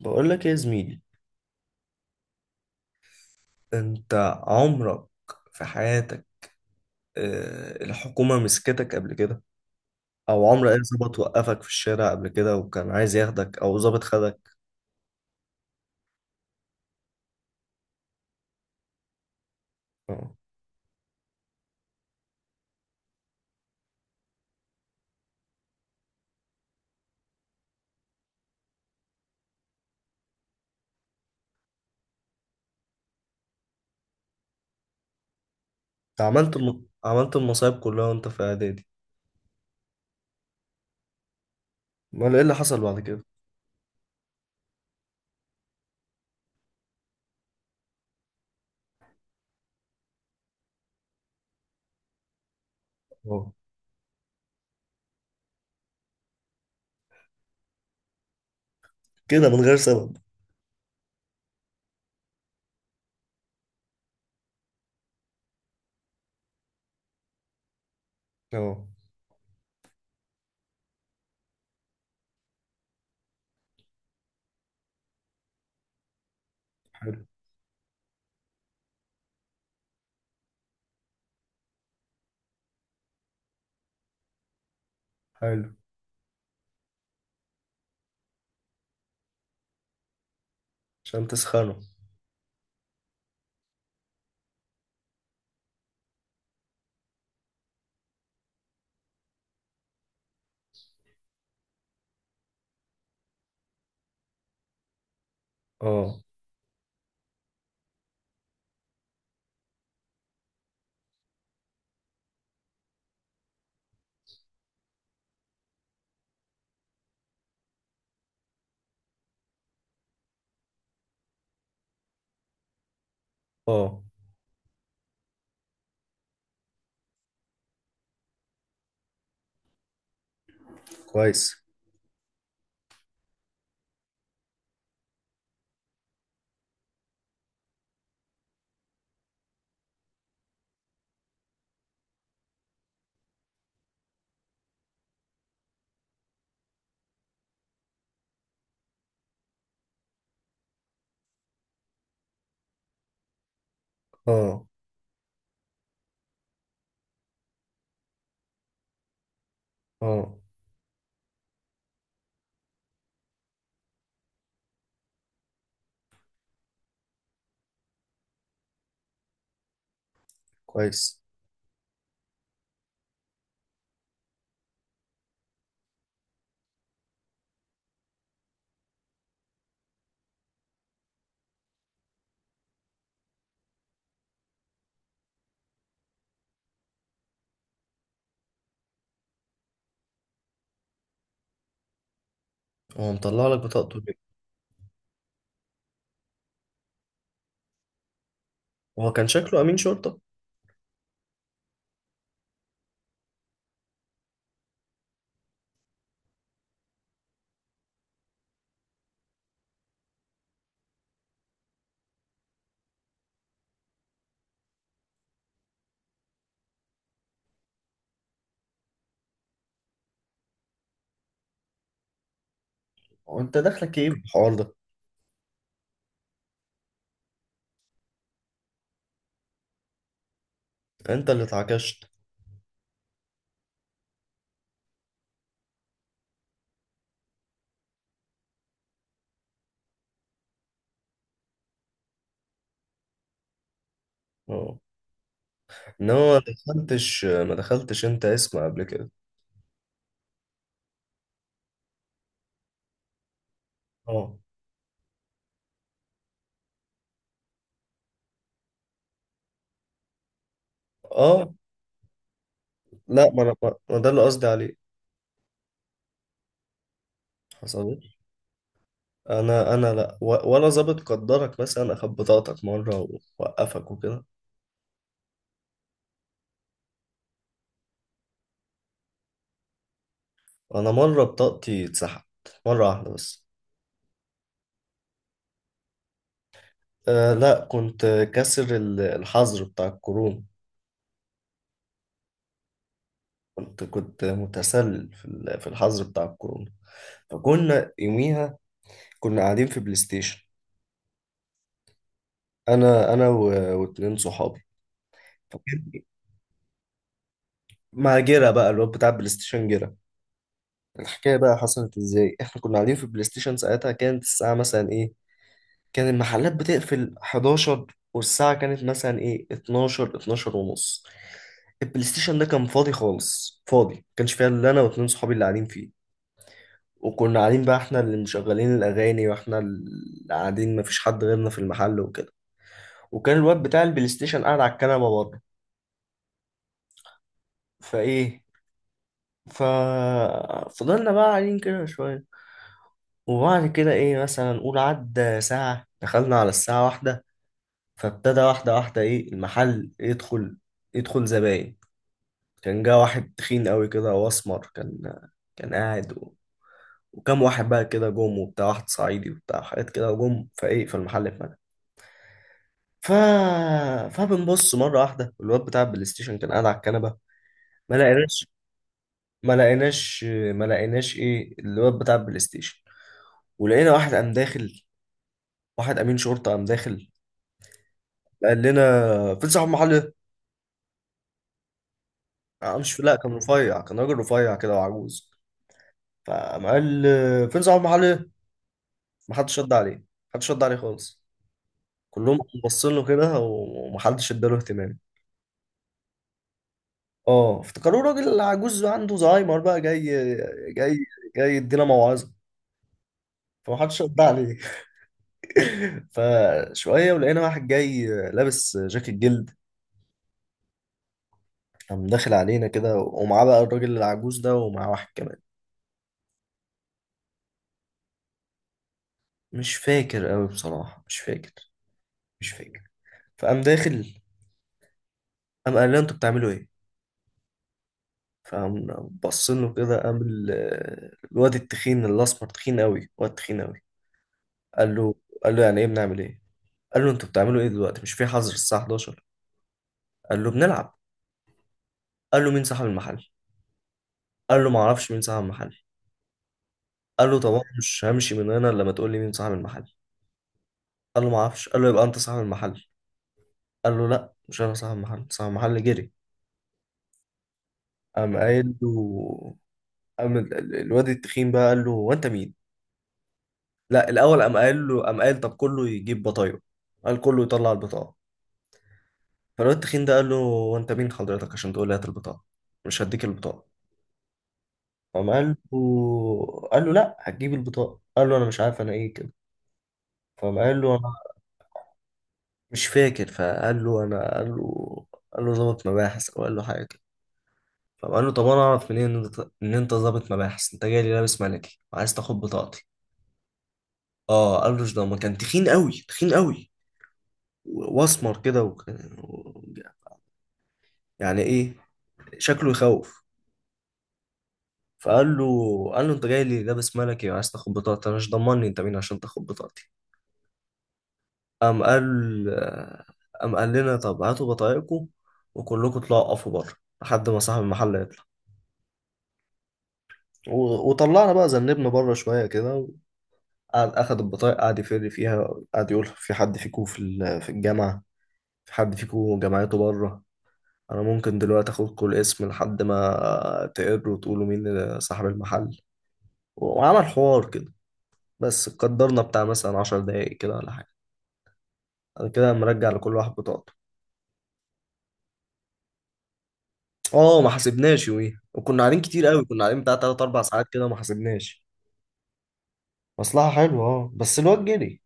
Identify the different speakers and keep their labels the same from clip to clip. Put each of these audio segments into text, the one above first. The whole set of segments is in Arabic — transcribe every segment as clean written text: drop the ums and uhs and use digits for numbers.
Speaker 1: بقول لك إيه يا زميلي؟ انت عمرك في حياتك، الحكومة مسكتك قبل كده؟ او عمر اي ظابط وقفك في الشارع قبل كده وكان عايز ياخدك او ظابط خدك؟ اه. انت عملت المصايب كلها وانت في اعدادي؟ امال ايه اللي حصل بعد كده؟ اه. كده من غير سبب؟ اه. حلو. حلو. عشان تسخنه. اه. اه. كويس. اه. اه. كويس. هو مطلع لك بطاقته ليه؟ هو كان شكله امين شرطة؟ وانت داخلك ايه بالحوار ده؟ انت اللي اتعكشت. اه. ان هو ما دخلتش، ما دخلتش انت اسم قبل كده؟ اه. اه. لا ما انا ما ده اللي قصدي عليه. حصلتش؟ انا انا لا، ولا ظابط قدرك مثلا اخد بطاقتك مره ووقفك وكده؟ انا مره بطاقتي اتسحبت مره واحده بس. آه لا، كنت الحظر بتاع الكورونا. كنت كنت متسلل في الحظر بتاع الكورونا. فكنا يوميها كنا قاعدين في بلاي ستيشن. انا واتنين صحابي مع جيرة بقى اللي هو بتاع بلاي ستيشن جيرة. الحكاية بقى حصلت ازاي؟ احنا كنا قاعدين في البلاي ستيشن، ساعتها كانت الساعة مثلا ايه؟ كان المحلات بتقفل 11، والساعة كانت مثلا ايه؟ 12، 12 ونص. البلاي ستيشن ده كان فاضي خالص، فاضي، ما كانش فيها الا انا واتنين صحابي اللي قاعدين فيه. وكنا قاعدين بقى احنا اللي مشغلين الاغاني واحنا اللي قاعدين، مفيش حد غيرنا في المحل وكده. وكان الواد بتاع البلاي ستيشن قاعد على الكنبة بره. فايه، ف فضلنا بقى قاعدين كده شوية. وبعد كده ايه، مثلا نقول عدى ساعة دخلنا على الساعة واحدة. فابتدى واحدة واحدة ايه المحل يدخل، يدخل زباين. كان جه واحد تخين قوي كده واسمر، كان كان قاعد و... وكم واحد بقى كده جم وبتاع، واحد صعيدي وبتاع حاجات كده جم، فايه، فالمحل اتملى. ف... فبنبص مرة واحدة الواد بتاع البلاي ستيشن كان قاعد على الكنبة، ما لقيناش، ما لقيناش، ما لقيناش ايه الواد بتاع البلاي ستيشن. ولقينا واحد قام داخل، واحد امين شرطة قام داخل. قال لنا في صاحب محل ايه؟ أنا مش، لا كان رفيع، كان راجل رفيع كده وعجوز. فقام قال فين صاحب محل ايه؟ محدش رد عليه. محدش رد عليه خالص، كلهم باصين له كده ومحدش اداله اهتمام. اه افتكروه راجل عجوز عنده زهايمر، بقى جاي، جاي، جاي يدينا موعظه. فمحدش رد عليه. فشويه ولقينا واحد جاي لابس جاكيت جلد، قام داخل علينا كده ومعاه بقى الراجل العجوز ده ومعاه واحد كمان. مش فاكر قوي بصراحه، مش فاكر، مش فاكر. فقام داخل، قام قال له انتوا بتعملوا ايه. فقام بص له كده، قام الواد التخين الاسمر، تخين قوي، واد تخين قوي. قال له، قال له يعني ايه بنعمل ايه؟ قال له انتوا بتعملوا ايه دلوقتي؟ مش في حظر الساعه 11؟ قال له بنلعب. قال له مين صاحب المحل؟ قال له ما اعرفش مين صاحب المحل. قال له طب انا مش همشي من هنا الا ما تقول لي مين صاحب المحل. قال له ما اعرفش. قال له يبقى انت صاحب المحل. قال له لا، مش انا صاحب المحل، صاحب المحل جري. قام قايل له، قام الواد التخين بقى قال له هو انت مين؟ لا الاول قام قال له، قام قال طب كله يجيب بطايق، قال كله يطلع البطاقه. فالواد التخين ده قال له وانت مين حضرتك عشان تقول لي هات البطاقه؟ مش هديك البطاقه. فقام قال له، قال له لا هتجيب البطاقه. قال له انا مش عارف انا ايه كده. فقام قال له انا، مش فاكر. فقال له انا، قال له، قال له ظابط مباحث او قال له حاجه كده. فقام قال له طب انا اعرف منين ان انت إن أنت ظابط مباحث؟ انت جاي لي لابس ملكي وعايز تاخد بطاقتي؟ اه قال له، ده ما كان تخين قوي، تخين قوي واسمر كده، يعني ايه، شكله يخوف. فقال له، قال له انت جاي لي لابس ملكي وعايز تاخد بطاقتي، انا مش ضمني انت مين عشان تاخد بطاقتي. قام قال، قام قال لنا طب هاتوا بطايقكم وكلكم اطلعوا اقفوا بره لحد ما صاحب المحل يطلع. وطلعنا بقى ذنبنا بره شويه كده. قعد اخد البطايق، قعد يفر فيها، قعد يقول في حد فيكم في الجامعه؟ في حد فيكم جامعته بره؟ انا ممكن دلوقتي اخدكم الاسم لحد ما تقروا وتقولوا مين صاحب المحل. وعمل حوار كده. بس قدرنا بتاع مثلا 10 دقايق كده ولا حاجه، بعد كده مرجع لكل واحد بطاقته. اه ما حسبناش يوميها، وكنا قاعدين كتير قوي، كنا قاعدين بتاع 3 4 ساعات كده، ما حسبناش. مصلحه حلوه اه، بس الواد جري.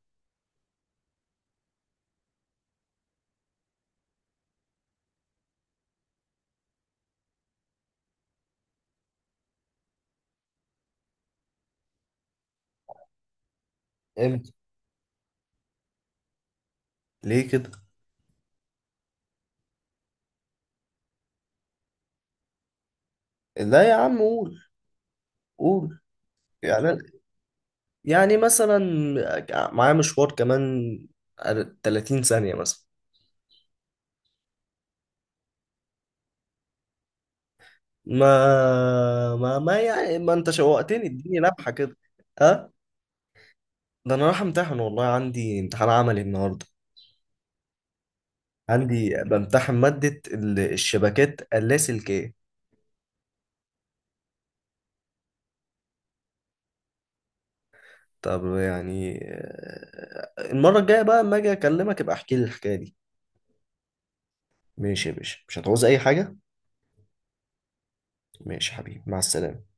Speaker 1: امتى؟ ليه كده؟ لا يا عم قول، قول. يعني، يعني مثلا، معايا مشوار كمان 30 ثانيه مثلا. ما يعني ما انت شوقتني، اديني لمحه كده. ها؟ ده انا رايح امتحن والله، عندي امتحان عملي النهارده. عندي بمتحن مادة الشبكات اللاسلكية. طب يعني المرة الجاية بقى اما اجي اكلمك ابقى احكي لي الحكاية دي. ماشي يا باشا، مش هتعوز اي حاجة؟ ماشي يا حبيبي، مع السلامة.